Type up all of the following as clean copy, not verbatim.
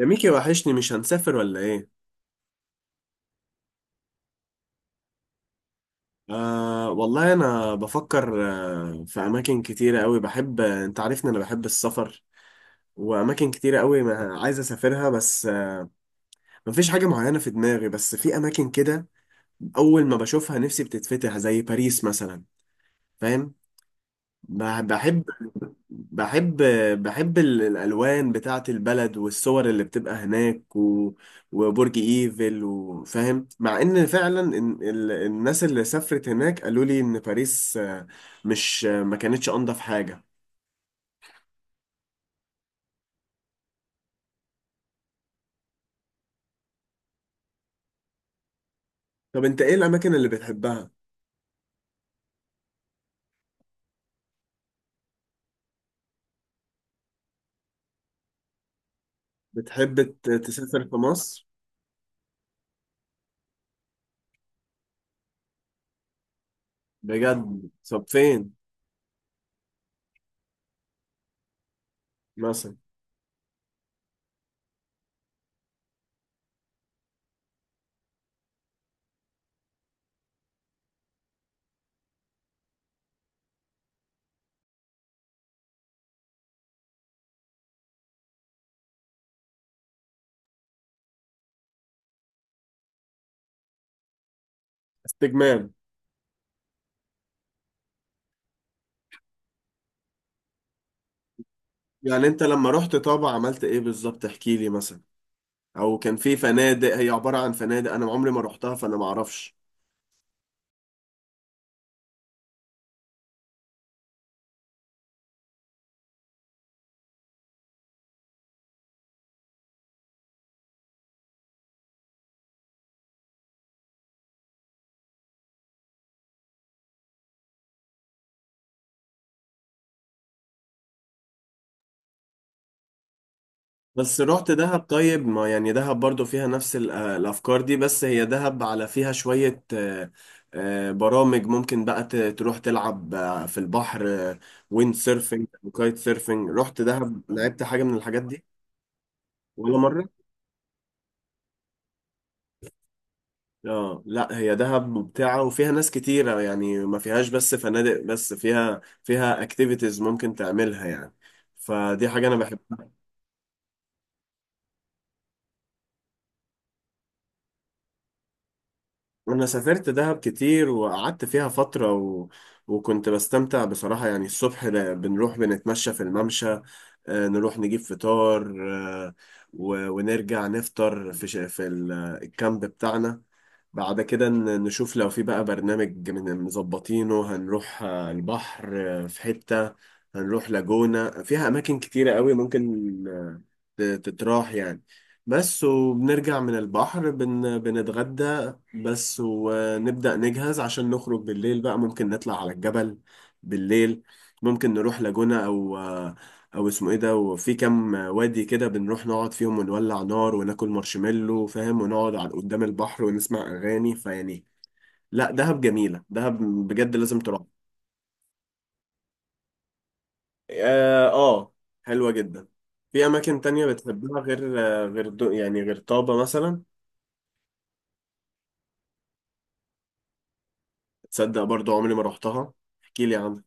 يا ميكي وحشني مش هنسافر ولا ايه؟ آه والله انا بفكر. في اماكن كتيرة قوي بحب، انت عارفني انا بحب السفر، واماكن كتيرة قوي ما عايز اسافرها. بس آه مفيش حاجة معينة في دماغي، بس في اماكن كده اول ما بشوفها نفسي بتتفتح، زي باريس مثلا. فاهم؟ بحب. بحب بحب الألوان بتاعة البلد والصور اللي بتبقى هناك، و... وبرج إيفل، وفاهم. مع إن فعلا الناس اللي سافرت هناك قالوا لي إن باريس مش ما كانتش أنضف حاجة. طب أنت إيه الأماكن اللي بتحبها؟ بتحب تسافر في مصر؟ بجد طب فين مثلا؟ استجمام. يعني أنت لما رحت طابة عملت إيه بالظبط؟ احكي لي مثلا، أو كان في فنادق؟ هي عبارة عن فنادق أنا عمري ما رحتها، فأنا ما أعرفش. بس رحت دهب؟ طيب ما يعني دهب برضو فيها نفس الأفكار دي، بس هي دهب على فيها شوية برامج. ممكن بقى تروح تلعب في البحر ويند سيرفينج وكايت سيرفينج. رحت دهب لعبت حاجة من الحاجات دي ولا مرة؟ اه لا، هي دهب ممتعة وفيها ناس كتيرة، يعني ما فيهاش بس فنادق، بس فيها اكتيفيتيز ممكن تعملها يعني، فدي حاجة أنا بحبها. انا سافرت دهب كتير وقعدت فيها فترة و... وكنت بستمتع بصراحة. يعني الصبح بنروح بنتمشى في الممشى، نروح نجيب فطار، آه، و... ونرجع نفطر في الكامب بتاعنا. بعد كده نشوف لو في بقى برنامج من مظبطينه هنروح البحر. في حتة هنروح لاجونا، فيها أماكن كتيرة قوي ممكن تتراح يعني. بس وبنرجع من البحر بنتغدى بس، ونبدأ نجهز عشان نخرج بالليل. بقى ممكن نطلع على الجبل بالليل، ممكن نروح لاجونة أو أو اسمه إيه ده، وفي كام وادي كده بنروح نقعد فيهم ونولع نار وناكل مارشميلو فاهم، ونقعد على قدام البحر ونسمع أغاني، فيعني لا دهب جميلة، دهب بجد لازم تروح. آه, آه حلوة جدا. في أماكن تانية بتحبها غير يعني غير طابة مثلا؟ تصدق برضو عمري ما روحتها، احكي لي عنها.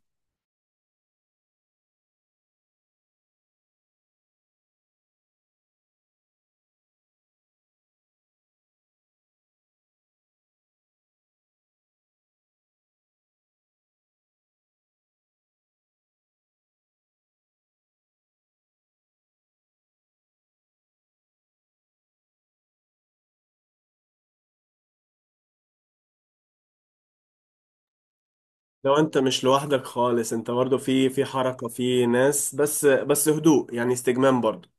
لو انت مش لوحدك خالص انت برضو في في حركة، في ناس، بس هدوء، يعني استجمام برضو.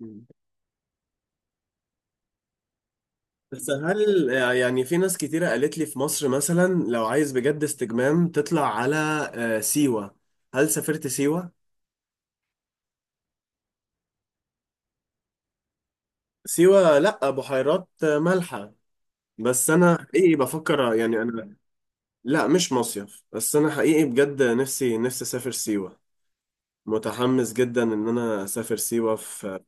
مم. بس هل يعني في ناس كتيرة قالت لي في مصر مثلا لو عايز بجد استجمام تطلع على سيوة. هل سافرت سيوة؟ سيوة لأ بحيرات مالحة. بس أنا حقيقي بفكر يعني أنا، لأ مش مصيف، بس أنا حقيقي بجد نفسي نفسي أسافر سيوة. متحمس جدا إن أنا أسافر سيوة في،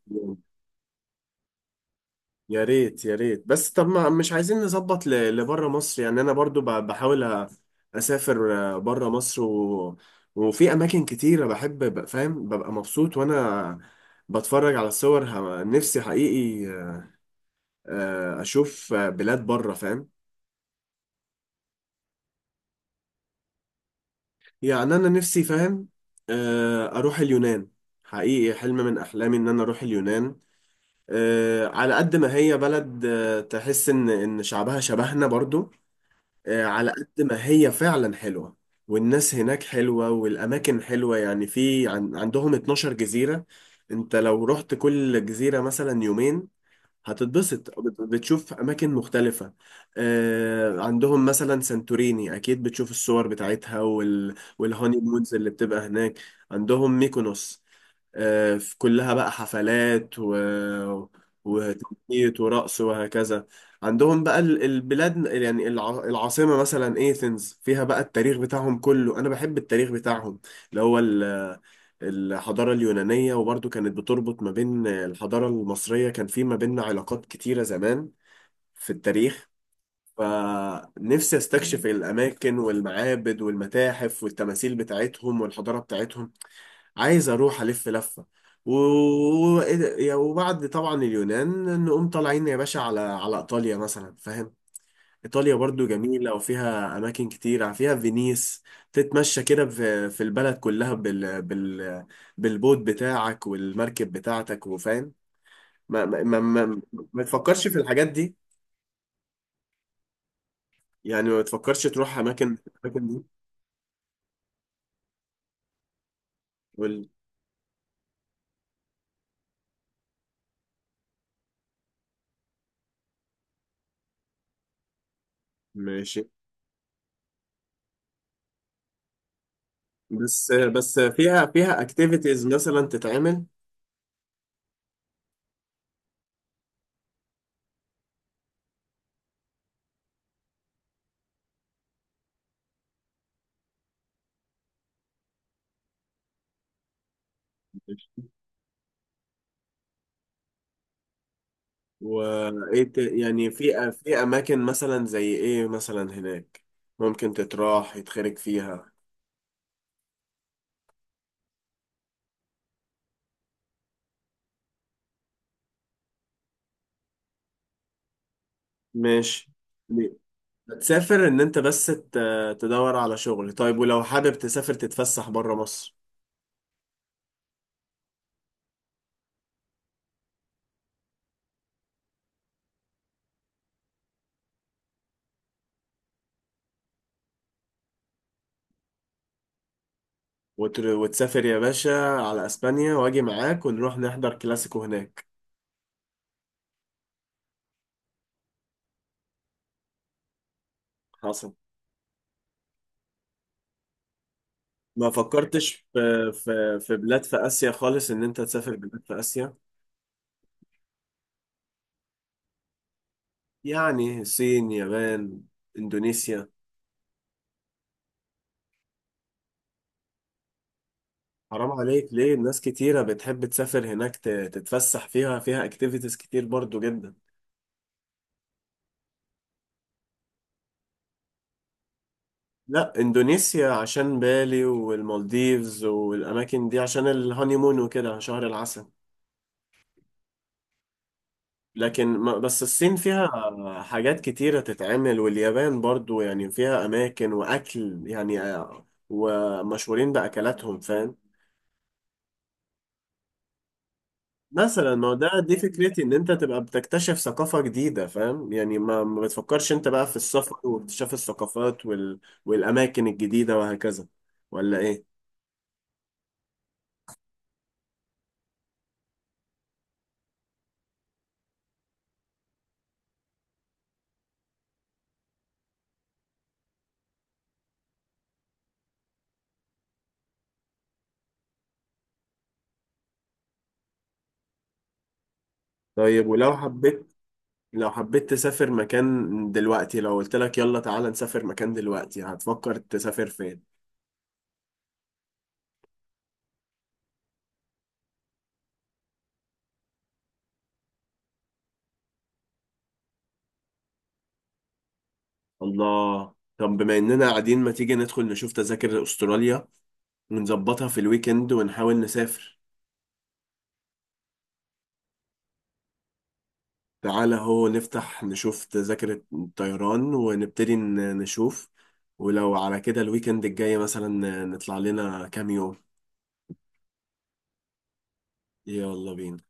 يا ريت يا ريت. بس طب ما مش عايزين نظبط لبره مصر يعني، انا برضو بحاول اسافر بره مصر، و... وفي اماكن كتيره بحب فاهم، ببقى مبسوط وانا بتفرج على الصور. نفسي حقيقي اشوف بلاد بره فاهم. يعني انا نفسي فاهم اروح اليونان، حقيقي حلم من احلامي ان انا اروح اليونان. على قد ما هي بلد تحس ان شعبها شبهنا برضو، على قد ما هي فعلا حلوة. والناس هناك حلوة والأماكن حلوة، يعني في عن عندهم 12 جزيرة. انت لو رحت كل جزيرة مثلا يومين هتتبسط، بتشوف أماكن مختلفة. عندهم مثلا سانتوريني، أكيد بتشوف الصور بتاعتها، والهوني مونز اللي بتبقى هناك. عندهم ميكونوس، في كلها بقى حفلات و... وتنطيط ورقص وهكذا. عندهم بقى البلاد، يعني العاصمة مثلا ايثنز فيها بقى التاريخ بتاعهم كله، أنا بحب التاريخ بتاعهم، اللي هو الحضارة اليونانية. وبرضو كانت بتربط ما بين الحضارة المصرية، كان في ما بيننا علاقات كتيرة زمان في التاريخ. فنفسي استكشف الأماكن والمعابد والمتاحف والتماثيل بتاعتهم والحضارة بتاعتهم، عايز أروح ألف لفة. و... و- وبعد طبعا اليونان نقوم طالعين يا باشا على على إيطاليا مثلا فاهم. إيطاليا برضو جميلة وفيها أماكن كتير، فيها فينيس، تتمشى كده في في البلد كلها بالبوت بتاعك والمركب بتاعتك وفاهم. ما ما ما, ما, ما تفكرش في الحاجات دي، يعني ما تفكرش تروح الأماكن دي. وال- ماشي. بس فيها اكتيفيتيز مثلا تتعمل. وايه يعني في في اماكن مثلا زي ايه مثلا هناك ممكن تتراح يتخرج فيها؟ ماشي. تسافر ان انت بس تدور على شغل. طيب ولو حابب تسافر تتفسح بره مصر، وتسافر يا باشا على اسبانيا واجي معاك ونروح نحضر كلاسيكو هناك. حصل. ما فكرتش في بلاد في اسيا خالص؟ ان انت تسافر بلاد في اسيا، يعني الصين، يابان، اندونيسيا. حرام عليك ليه؟ الناس كتيرة بتحب تسافر هناك، تتفسح فيها، فيها اكتيفيتيز كتير برضو جدا. لا اندونيسيا عشان بالي والمالديفز والاماكن دي عشان الهانيمون وكده شهر العسل. لكن ما بس الصين فيها حاجات كتيرة تتعمل، واليابان برضو يعني فيها اماكن واكل، يعني ومشهورين باكلاتهم فاهم. مثلا ما هو ده دي فكرتي، ان انت تبقى بتكتشف ثقافة جديدة فاهم. يعني ما ما بتفكرش انت بقى في السفر واكتشاف الثقافات والاماكن الجديدة وهكذا، ولا ايه؟ طيب ولو حبيت، لو حبيت تسافر مكان دلوقتي، لو قلت لك يلا تعالى نسافر مكان دلوقتي هتفكر تسافر فين؟ الله. طب بما اننا قاعدين ما تيجي ندخل نشوف تذاكر استراليا ونظبطها في الويكند ونحاول نسافر. تعالى هو نفتح نشوف تذاكر الطيران ونبتدي نشوف، ولو على كده الويكند الجاي مثلا نطلع لنا كام يوم. يلا بينا.